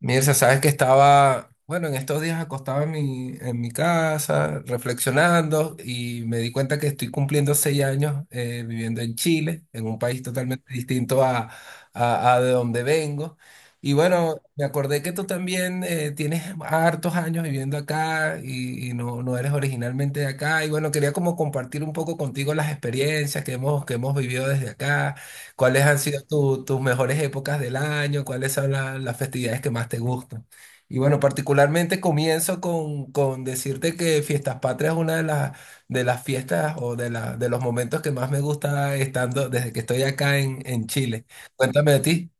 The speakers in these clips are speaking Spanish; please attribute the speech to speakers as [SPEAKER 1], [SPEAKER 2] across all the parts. [SPEAKER 1] Mirza, sabes que estaba, bueno, en estos días acostado en mi casa, reflexionando, y me di cuenta que estoy cumpliendo 6 años viviendo en Chile, en un país totalmente distinto a de donde vengo. Y bueno, me acordé que tú también tienes hartos años viviendo acá y no, no eres originalmente de acá. Y bueno, quería como compartir un poco contigo las experiencias que hemos vivido desde acá. ¿Cuáles han sido tus mejores épocas del año? ¿Cuáles son las festividades que más te gustan? Y bueno, particularmente comienzo con decirte que Fiestas Patrias es una de las fiestas o de los momentos que más me gusta estando desde que estoy acá en Chile. Cuéntame de ti.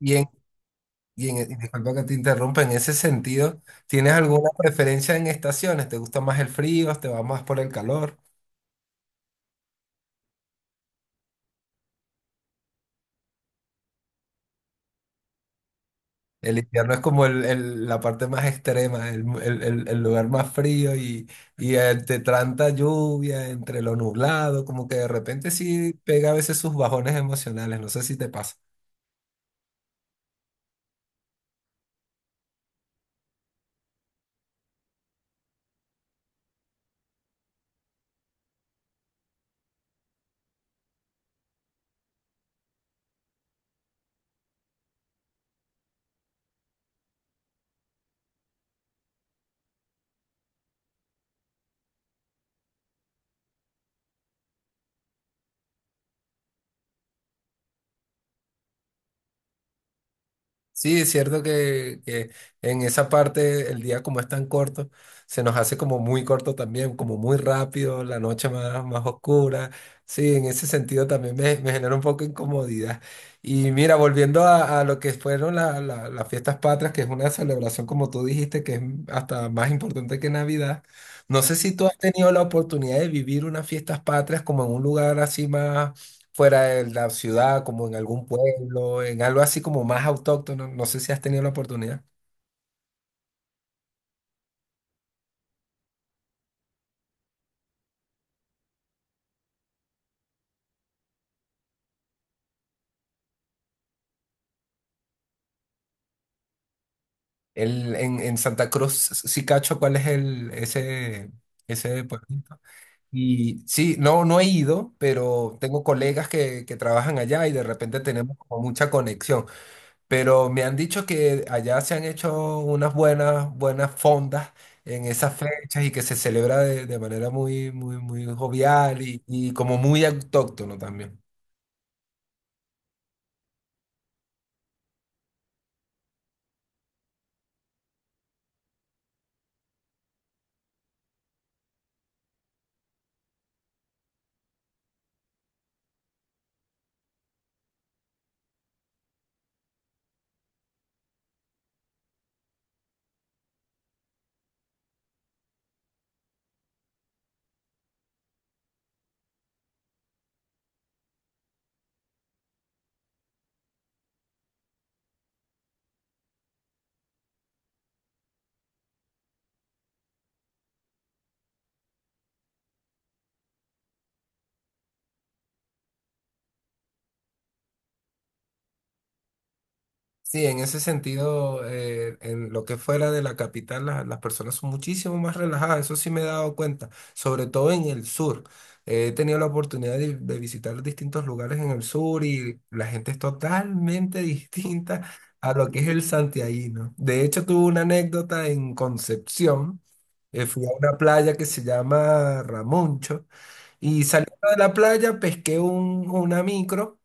[SPEAKER 1] Y, en, y disculpa que te interrumpa, en ese sentido, ¿tienes alguna preferencia en estaciones? ¿Te gusta más el frío? ¿Te va más por el calor? El invierno es como la parte más extrema, el lugar más frío y entre tanta lluvia, entre lo nublado, como que de repente sí pega a veces sus bajones emocionales, no sé si te pasa. Sí, es cierto que en esa parte el día como es tan corto, se nos hace como muy corto también, como muy rápido, la noche más, más oscura. Sí, en ese sentido también me genera un poco de incomodidad. Y mira, volviendo a lo que fueron las fiestas patrias, que es una celebración, como tú dijiste, que es hasta más importante que Navidad. No sé si tú has tenido la oportunidad de vivir unas fiestas patrias como en un lugar así más fuera en la ciudad, como en algún pueblo, en algo así como más autóctono. No sé si has tenido la oportunidad. En Santa Cruz, sí cacho, ¿cuál es ese pueblito? Y sí, no, no he ido, pero tengo colegas que trabajan allá y de repente tenemos como mucha conexión. Pero me han dicho que allá se han hecho unas buenas, buenas fondas en esas fechas y que se celebra de manera muy, muy, muy jovial y como muy autóctono también. Sí, en ese sentido, en lo que fuera de la capital, las personas son muchísimo más relajadas, eso sí me he dado cuenta, sobre todo en el sur. He tenido la oportunidad de visitar distintos lugares en el sur y la gente es totalmente distinta a lo que es el santiaguino. De hecho, tuve una anécdota en Concepción. Fui a una playa que se llama Ramoncho y saliendo de la playa pesqué una micro.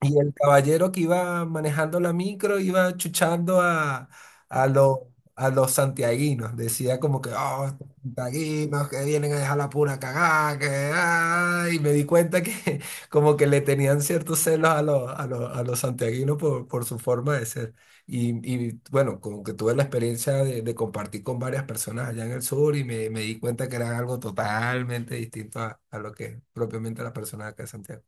[SPEAKER 1] Y el caballero que iba manejando la micro iba chuchando a los santiaguinos. Decía como que, oh, estos santiaguinos que vienen a dejar la pura cagada, que... ah", y me di cuenta que como que le tenían ciertos celos a los santiaguinos por su forma de ser. Y, y, bueno, como que tuve la experiencia de compartir con varias personas allá en el sur y me di cuenta que era algo totalmente distinto a lo que es propiamente la persona de acá de Santiago.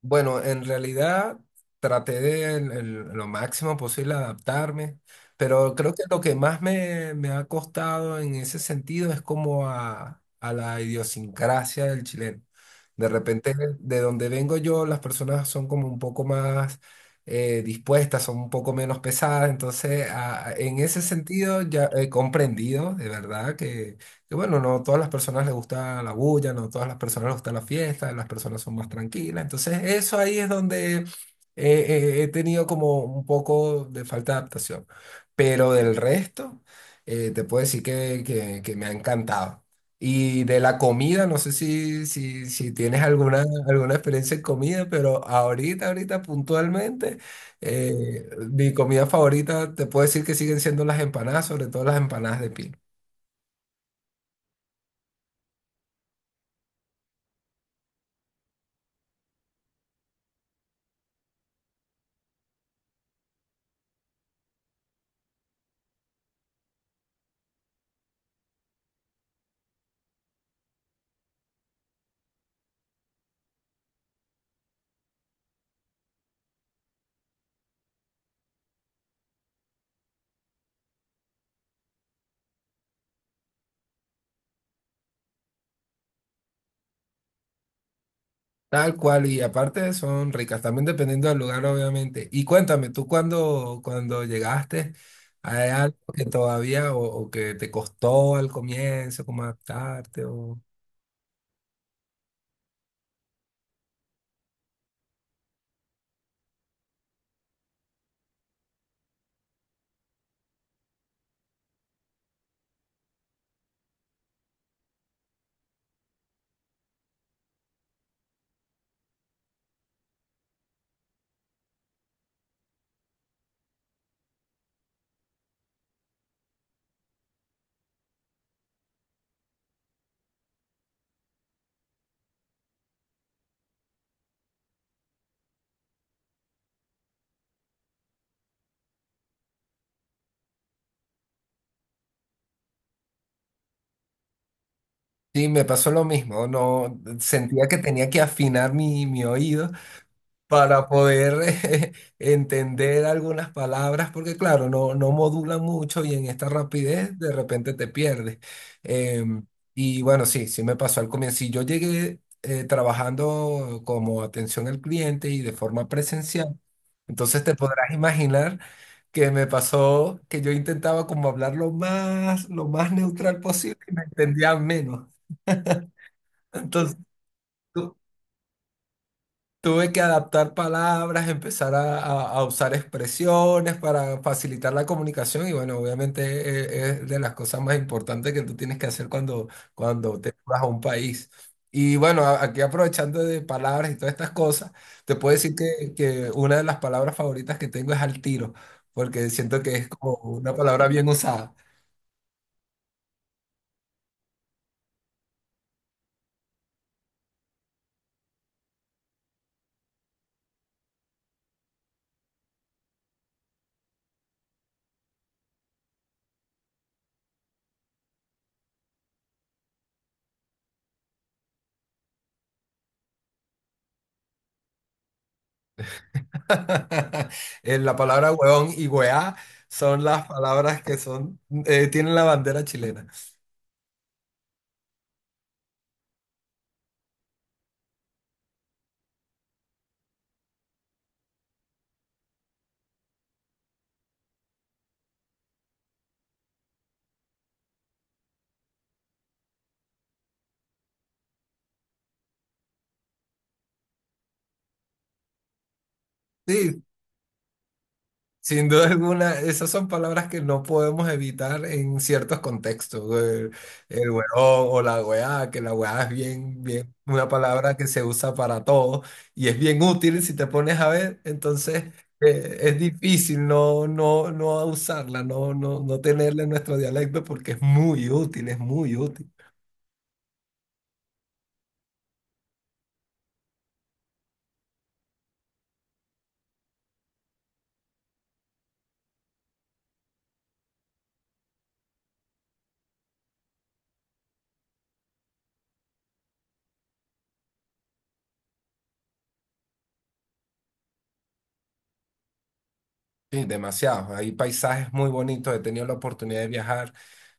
[SPEAKER 1] Bueno, en realidad traté de en lo máximo posible adaptarme, pero creo que lo que más me ha costado en ese sentido es como a la idiosincrasia del chileno. De repente, de donde vengo yo, las personas son como un poco más dispuestas, son un poco menos pesadas, entonces en ese sentido ya he comprendido de verdad que bueno, no todas las personas les gusta la bulla, no todas las personas les gusta la fiesta, las personas son más tranquilas. Entonces, eso ahí es donde he tenido como un poco de falta de adaptación. Pero del resto, te puedo decir que me ha encantado. Y de la comida, no sé si tienes alguna, alguna experiencia en comida, pero ahorita puntualmente, mi comida favorita, te puedo decir que siguen siendo las empanadas, sobre todo las empanadas de piña. Tal cual, y aparte son ricas, también dependiendo del lugar, obviamente. Y cuéntame, tú cuando llegaste, ¿hay algo que todavía o que te costó al comienzo, como adaptarte? O... Sí, me pasó lo mismo, no sentía que tenía que afinar mi oído. Para poder eh, entender algunas palabras, porque claro, no, no modula mucho y en esta rapidez de repente te pierdes. Em, y bueno, sí, sí me pasó al comienzo. Si yo llegué trabajando como atención al cliente y de forma presencial, entonces te podrás imaginar que me pasó que yo intentaba como hablar lo más neutral posible y me entendían menos. Entonces, tuve que adaptar palabras, empezar a, a usar expresiones para facilitar la comunicación y bueno, obviamente es de las cosas más importantes que tú tienes que hacer cuando te vas a un país. Y bueno, aquí aprovechando de palabras y todas estas cosas, te puedo decir que una de las palabras favoritas que tengo es al tiro, porque siento que es como una palabra bien usada. La palabra huevón y weá son las palabras que son, tienen la bandera chilena. Sí, sin duda alguna, esas son palabras que no podemos evitar en ciertos contextos. El huevón o la weá, que la weá es bien, bien, una palabra que se usa para todo y es bien útil si te pones a ver. Entonces, es difícil no, no, no usarla, no, no, no tenerla en nuestro dialecto porque es muy útil, es muy útil. Sí, demasiado. Hay paisajes muy bonitos. He tenido la oportunidad de viajar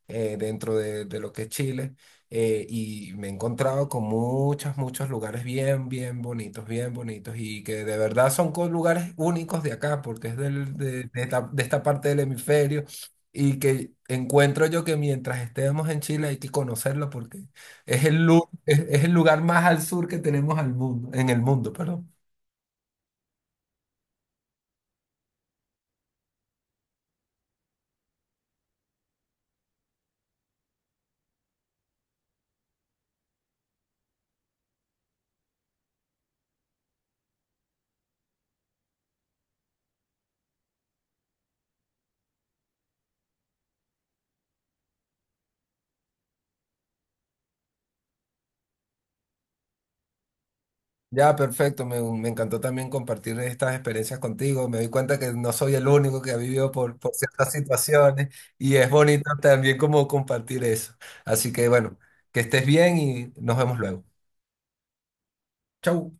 [SPEAKER 1] dentro de lo que es Chile y me he encontrado con muchos, muchos lugares bien, bien bonitos y que de verdad son lugares únicos de acá porque es de esta parte del hemisferio y que encuentro yo que mientras estemos en Chile hay que conocerlo porque es es el lugar más al sur que tenemos al mundo, en el mundo, perdón. Ya, perfecto. Me encantó también compartir estas experiencias contigo. Me doy cuenta que no soy el único que ha vivido por ciertas situaciones y es bonito también como compartir eso. Así que bueno, que estés bien y nos vemos luego. Chau.